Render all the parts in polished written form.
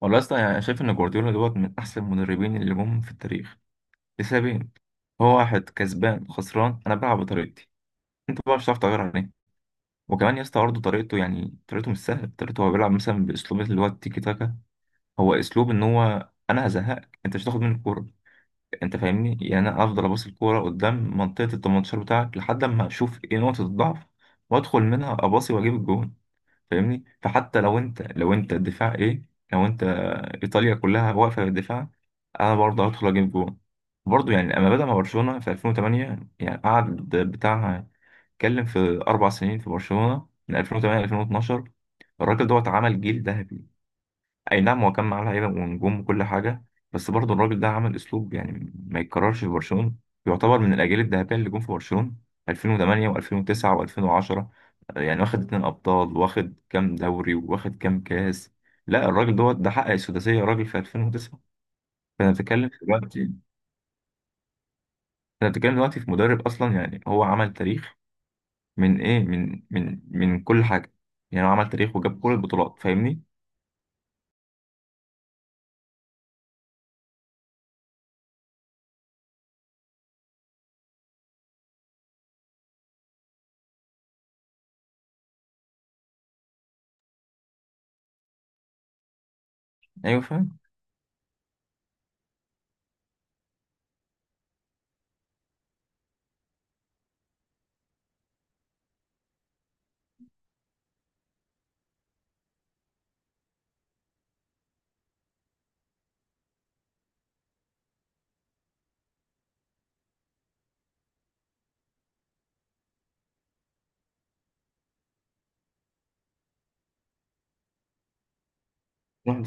والله يا اسطى، يعني انا شايف ان جوارديولا دوت من احسن المدربين اللي جم في التاريخ لسببين. هو واحد كسبان خسران، انا بلعب بطريقتي، انت بقى مش هتعرف تغير عليه. وكمان يا اسطى، برضه طريقته يعني طريقته مش سهله. طريقته هو بيلعب مثلا باسلوب اللي هو التيكي تاكا. هو اسلوب ان هو انا هزهقك، انت مش هتاخد مني الكوره. انت فاهمني، يعني انا افضل اباص الكوره قدام منطقه ال 18 بتاعك لحد اما اشوف ايه نقطه الضعف وادخل منها اباصي واجيب الجون. فاهمني؟ فحتى لو انت الدفاع ايه، لو انت ايطاليا كلها واقفه بالدفاع، انا برضه هدخل اجيب جون. برضه يعني لما بدأ مع برشلونه في 2008، يعني قعد، بتاع، اتكلم في 4 سنين في برشلونه، من 2008 ل 2012. الراجل دوت عمل جيل ذهبي. اي نعم، هو كان معاه لعيبه ونجوم وكل حاجه، بس برضه الراجل ده عمل اسلوب يعني ما يتكررش في برشلونه. يعتبر من الاجيال الذهبيه اللي جم في برشلونه 2008 و2009 و2010. يعني واخد 2 ابطال، واخد كام دوري، واخد كام كاس. لا، الراجل دوت ده حقق السداسيه الراجل في 2009. فانا بتكلم دلوقتي انا بتكلم دلوقتي في مدرب اصلا. يعني هو عمل تاريخ من ايه، من كل حاجه. يعني هو عمل تاريخ وجاب كل البطولات. فاهمني؟ ايوه، فاهم. رحت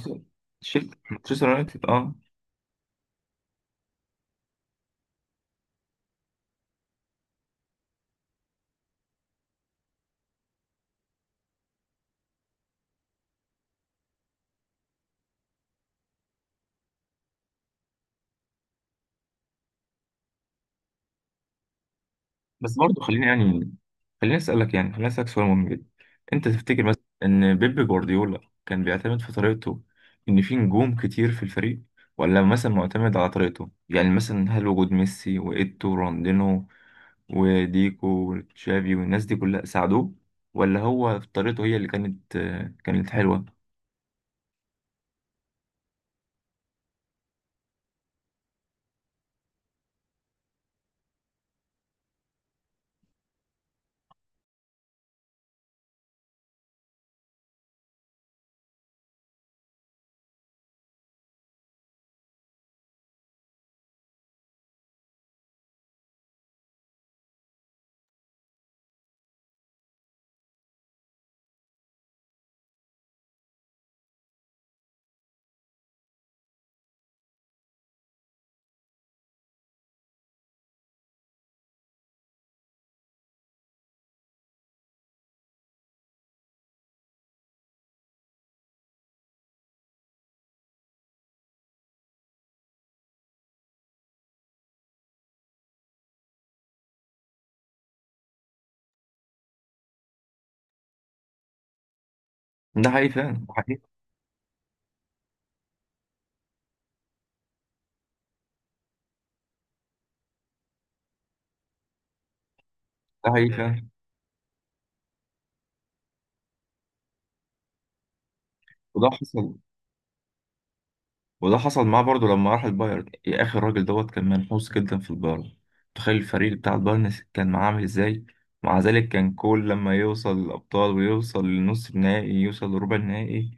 شلت مانشستر يونايتد، اه. بس برضه خليني يعني خليني اسالك يعني خليني اسالك سؤال مهم جدا. انت تفتكر مثلا ان بيب جوارديولا كان بيعتمد في طريقته ان في نجوم كتير في الفريق، ولا مثلا معتمد على طريقته؟ يعني مثلا هل وجود ميسي وايتو وراندينو وديكو وتشافي والناس دي كلها ساعدوه، ولا هو في طريقته هي اللي كانت حلوة؟ ده حقيقي فعلا، ده حقيقي. ده حقيقي فعلا. وده حصل وده حصل معاه برضه لما راح البايرن. يا اخي، الراجل دوت كان منحوس جدا في البايرن. تخيل الفريق بتاع البايرن كان معاه عامل ازاي؟ مع ذلك كان كل لما يوصل للابطال، ويوصل لنص النهائي، يوصل لربع النهائي،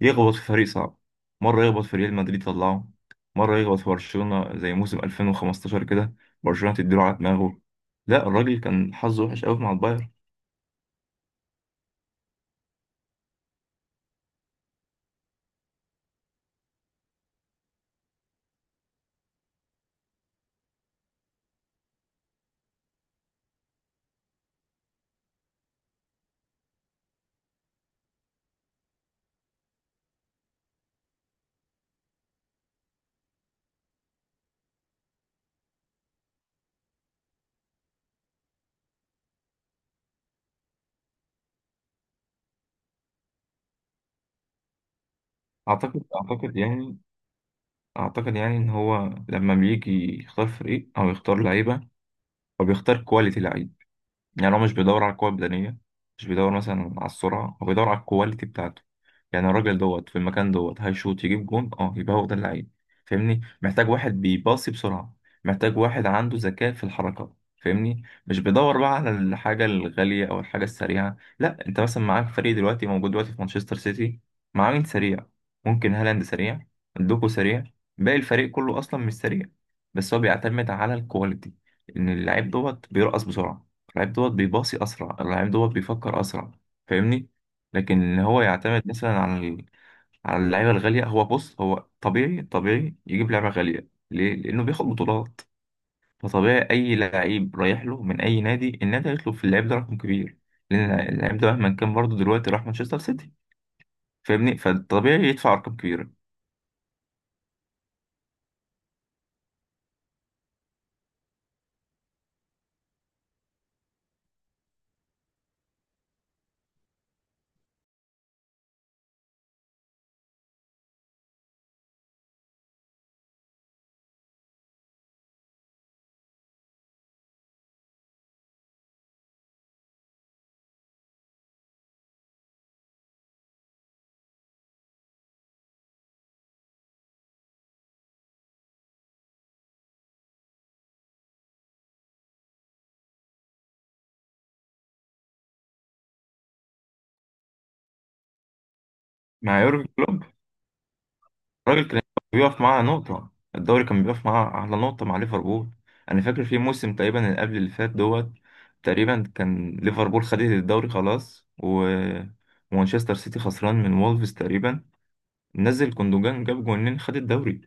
يخبط في فريق صعب. مرة يخبط في ريال مدريد طلعه، مرة يخبط في برشلونة زي موسم 2015 كده، برشلونة تديله على دماغه. لا، الراجل كان حظه وحش قوي مع البايرن. اعتقد اعتقد يعني اعتقد يعني ان هو لما بيجي يختار فريق او يختار لعيبة، هو بيختار كواليتي لعيبة. يعني هو مش بيدور على القوة البدنية، مش بيدور مثلا على السرعة، هو بيدور على الكواليتي بتاعته. يعني الراجل دوت في المكان دوت هيشوط يجيب جون، اه، يبقى هو ده اللعيب. فاهمني؟ محتاج واحد بيباصي بسرعة، محتاج واحد عنده ذكاء في الحركة. فاهمني؟ مش بيدور بقى على الحاجة الغالية أو الحاجة السريعة. لا، أنت مثلا معاك فريق دلوقتي، موجود دلوقتي في مانشستر سيتي، معاه مين سريع؟ ممكن هالاند سريع، دوكو سريع، باقي الفريق كله أصلا مش سريع. بس هو بيعتمد على الكواليتي، إن اللعيب دوت بيرقص بسرعة، اللعيب دوت بيباصي اسرع، اللعيب دوت بيفكر اسرع. فاهمني؟ لكن ان هو يعتمد مثلا على على اللعيبه الغاليه. هو بص، هو طبيعي، طبيعي يجيب لعبه غاليه، ليه؟ لانه بياخد بطولات. فطبيعي اي لعيب رايح له من اي نادي، النادي هيطلب في اللعيب ده رقم كبير، لان اللعيب ده مهما كان برضه دلوقتي راح مانشستر سيتي. فاهمني؟ فطبيعي يدفع ارقام كبيره. مع يورجن كلوب الراجل كان بيقف معاه على نقطة الدوري، كان بيقف معاه على نقطة مع ليفربول. أنا فاكر في موسم تقريبا اللي قبل اللي فات دوت، تقريبا كان ليفربول خدت الدوري خلاص، ومانشستر سيتي خسران من وولفز تقريبا، نزل كوندوجان جاب جونين خد الدوري.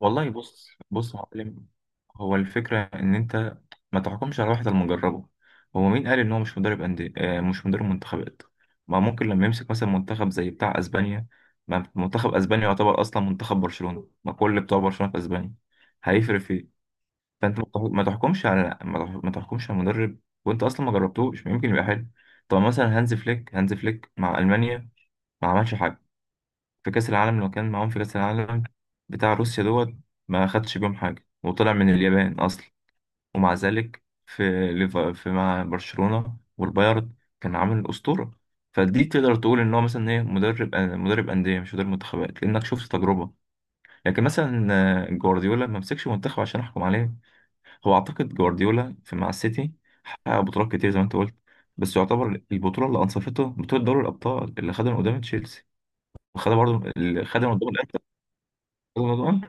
والله، بص بص يا معلم، هو الفكرة إن أنت ما تحكمش على واحد إلا لما تجربه. هو مين قال إن هو مش مدرب أندية، مش مدرب منتخبات؟ ما ممكن لما يمسك مثلا منتخب زي بتاع أسبانيا، ما منتخب أسبانيا يعتبر أصلا منتخب برشلونة، ما كل بتوع برشلونة في أسبانيا، هيفرق في إيه؟ فأنت ما تح- ما تحكمش على ما تح- ما تحكمش على مدرب، وأنت أصلا ما جربتوش، ممكن يبقى حلو. طب مثلا، هانز فليك مع ألمانيا ما عملش حاجة في كأس العالم، لما كان معاهم في كأس العالم بتاع روسيا دوت. ما خدش بيهم حاجة، وطلع من اليابان أصلا. ومع ذلك في في مع برشلونة والبايرن كان عامل أسطورة. فدي تقدر تقول إن هو مثلا إيه، مدرب أندية مش مدرب منتخبات، لأنك شفت تجربة. لكن مثلا جوارديولا ما مسكش منتخب عشان أحكم عليه. هو أعتقد جوارديولا في مع السيتي حقق بطولات كتير زي ما أنت قلت. بس يعتبر البطولة اللي أنصفته بطولة دوري الأبطال اللي خدها من قدام تشيلسي، وخدها برضه اللي خدها من قدام رمضان.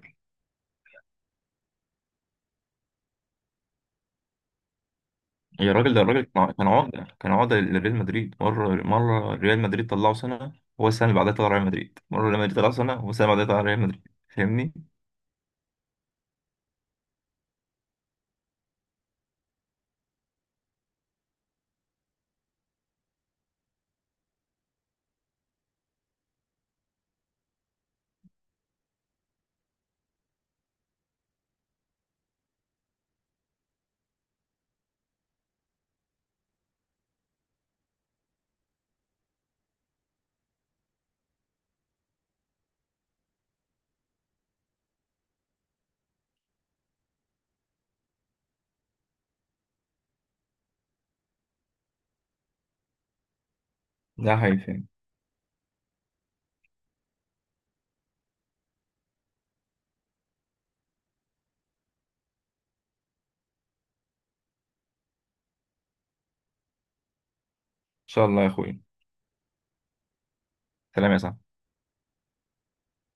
يا راجل، ده الراجل كان عقدة، كان عقدة لريال مدريد. مرة ريال مدريد طلعه سنة، هو السنة اللي بعدها طلع ريال مدريد. مرة ريال مدريد طلعه سنة، هو السنة اللي بعدها طلع ريال مدريد. فاهمني؟ ده حقيقي، فاهم. إن شاء الله يا أخوي. سلام يا صاحبي.